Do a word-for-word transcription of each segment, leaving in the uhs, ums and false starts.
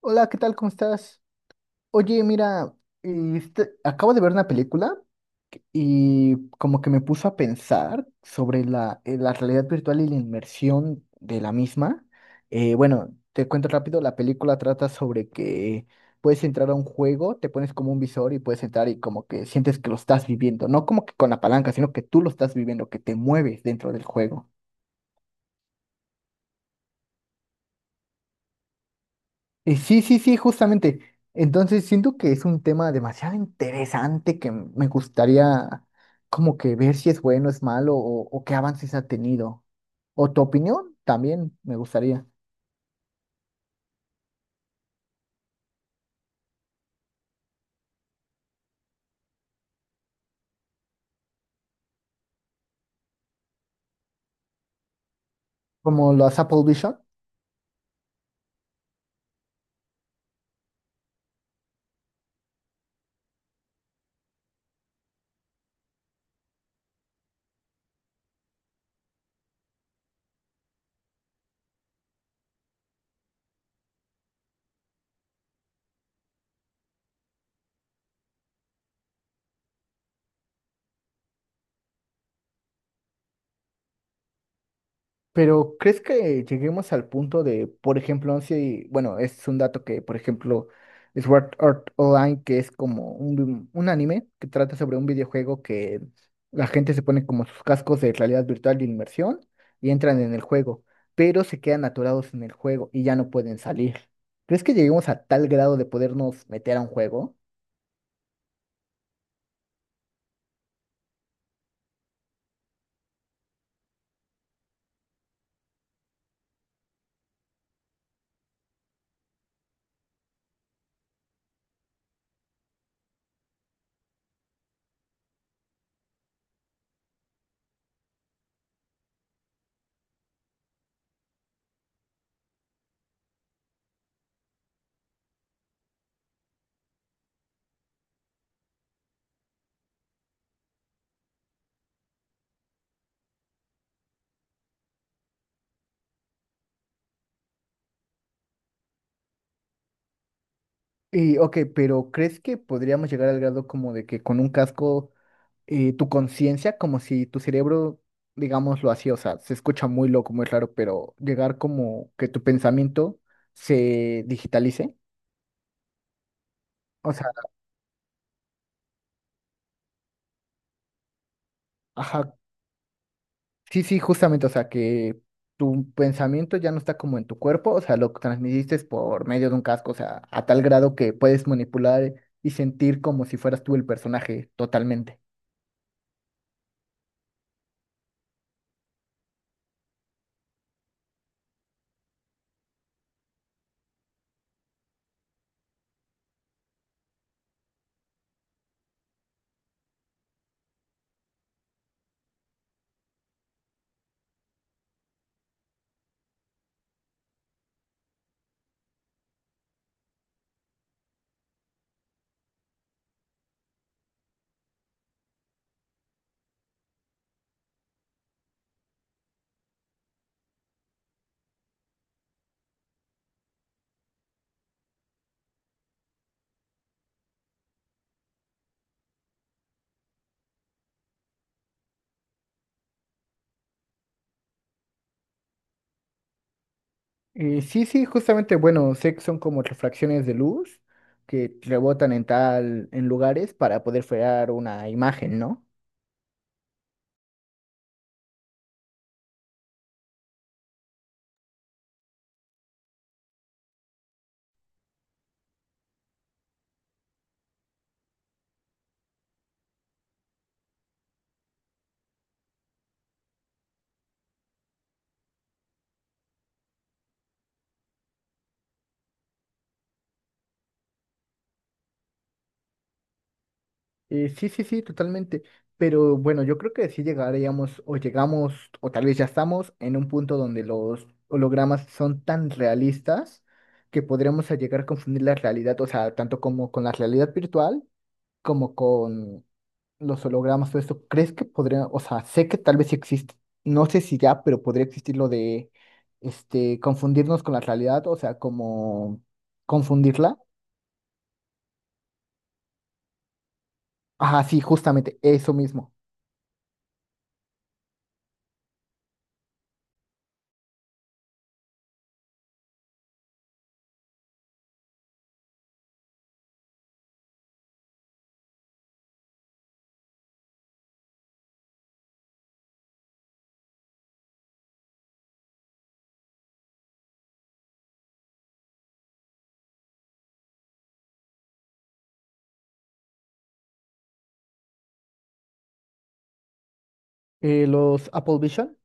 Hola, ¿qué tal? ¿Cómo estás? Oye, mira, este- acabo de ver una película y como que me puso a pensar sobre la, eh, la realidad virtual y la inmersión de la misma. Eh, bueno, te cuento rápido, la película trata sobre que puedes entrar a un juego, te pones como un visor y puedes entrar y como que sientes que lo estás viviendo, no como que con la palanca, sino que tú lo estás viviendo, que te mueves dentro del juego. Eh, Sí, sí, sí, justamente. Entonces siento que es un tema demasiado interesante que m- me gustaría como que ver si es bueno, es malo o, o qué avances ha tenido. O tu opinión también me gustaría. Como los Apple Vision. Pero ¿crees que lleguemos al punto de, por ejemplo, si, bueno, es un dato que, por ejemplo, Sword Art Online, que es como un, un anime que trata sobre un videojuego que la gente se pone como sus cascos de realidad virtual de inmersión y entran en el juego, pero se quedan atorados en el juego y ya no pueden salir. ¿Crees que lleguemos a tal grado de podernos meter a un juego? Y, ok, pero ¿crees que podríamos llegar al grado como de que con un casco eh, tu conciencia, como si tu cerebro, digámoslo así, o sea, se escucha muy loco, muy raro, pero llegar como que tu pensamiento se digitalice. O sea, ajá, sí, sí, justamente, o sea, que tu pensamiento ya no está como en tu cuerpo, o sea, lo transmitiste por medio de un casco, o sea, a tal grado que puedes manipular y sentir como si fueras tú el personaje totalmente. Eh, sí, sí, justamente, bueno, sé que son como refracciones de luz que rebotan en tal, en lugares para poder frear una imagen, ¿no? Eh, sí, sí, sí, totalmente. Pero bueno, yo creo que sí llegaríamos o llegamos o tal vez ya estamos en un punto donde los hologramas son tan realistas que podríamos a llegar a confundir la realidad, o sea, tanto como con la realidad virtual como con los hologramas o eso, ¿crees que podría, o sea, sé que tal vez sí existe, no sé si ya, pero podría existir lo de, este, confundirnos con la realidad, o sea, como confundirla? Ajá, sí, justamente, eso mismo. Eh, los Apple Vision,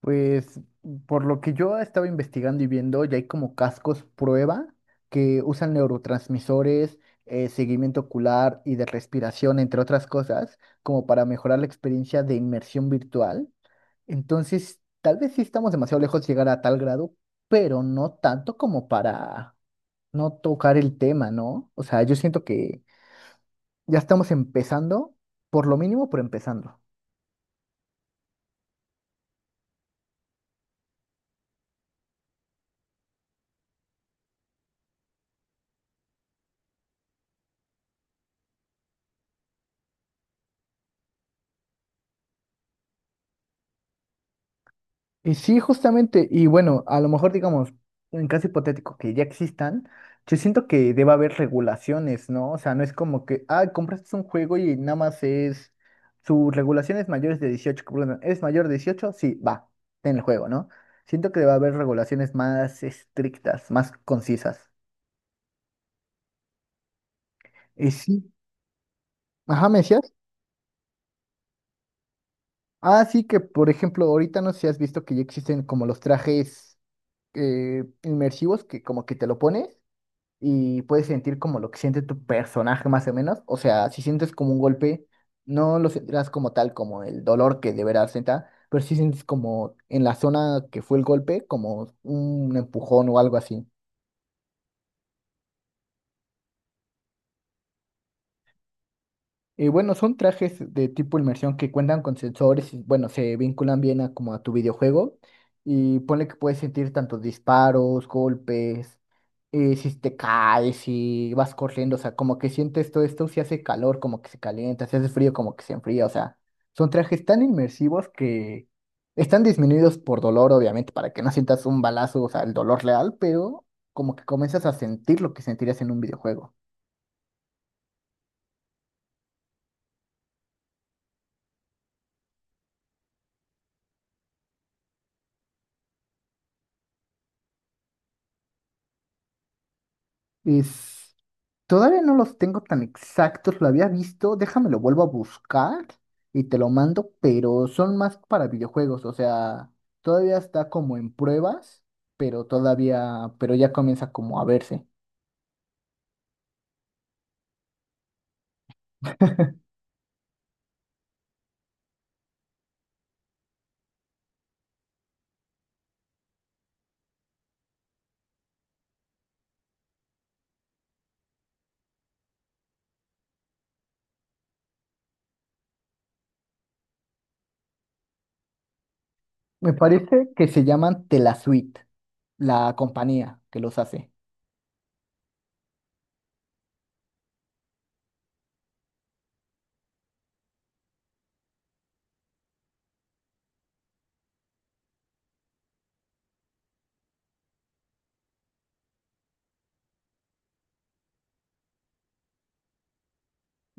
pues, por lo que yo estaba investigando y viendo, ya hay como cascos prueba que usan neurotransmisores, eh, seguimiento ocular y de respiración, entre otras cosas, como para mejorar la experiencia de inmersión virtual. Entonces, tal vez sí estamos demasiado lejos de llegar a tal grado, pero no tanto como para no tocar el tema, ¿no? O sea, yo siento que ya estamos empezando, por lo mínimo, por empezando. Y sí, justamente, y bueno, a lo mejor digamos, en caso hipotético que ya existan, yo siento que debe haber regulaciones, ¿no? O sea, no es como que, ah, compraste un juego y nada más es, su regulación es mayores de dieciocho que pongan, ¿es mayor de dieciocho? Sí, va, en el juego, ¿no? Siento que debe haber regulaciones más estrictas, más concisas. Y sí, ajá, ¿me decías? Ah, sí, que por ejemplo, ahorita no sé si has visto que ya existen como los trajes eh, inmersivos que como que te lo pones. Y puedes sentir como lo que siente tu personaje más o menos. O sea, si sientes como un golpe, no lo sentirás como tal, como el dolor que deberás sentir, pero sí sientes como en la zona que fue el golpe, como un empujón o algo así. Y bueno, son trajes de tipo inmersión que cuentan con sensores y bueno, se vinculan bien a como a tu videojuego y ponle que puedes sentir tantos disparos, golpes, eh, si te caes, si vas corriendo, o sea, como que sientes todo esto, si hace calor como que se calienta, si hace frío como que se enfría, o sea, son trajes tan inmersivos que están disminuidos por dolor, obviamente, para que no sientas un balazo, o sea, el dolor real, pero como que comienzas a sentir lo que sentirías en un videojuego. Todavía no los tengo tan exactos, lo había visto, déjame lo vuelvo a buscar y te lo mando, pero son más para videojuegos, o sea, todavía está como en pruebas, pero todavía, pero ya comienza como a verse. Me parece que se llaman Telasuite, la compañía que los hace.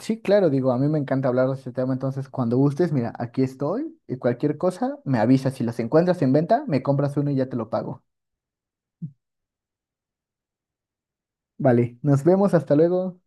Sí, claro, digo, a mí me encanta hablar de este tema, entonces cuando gustes, mira, aquí estoy y cualquier cosa, me avisas, si los encuentras en venta, me compras uno y ya te lo pago. Vale, nos vemos, hasta luego.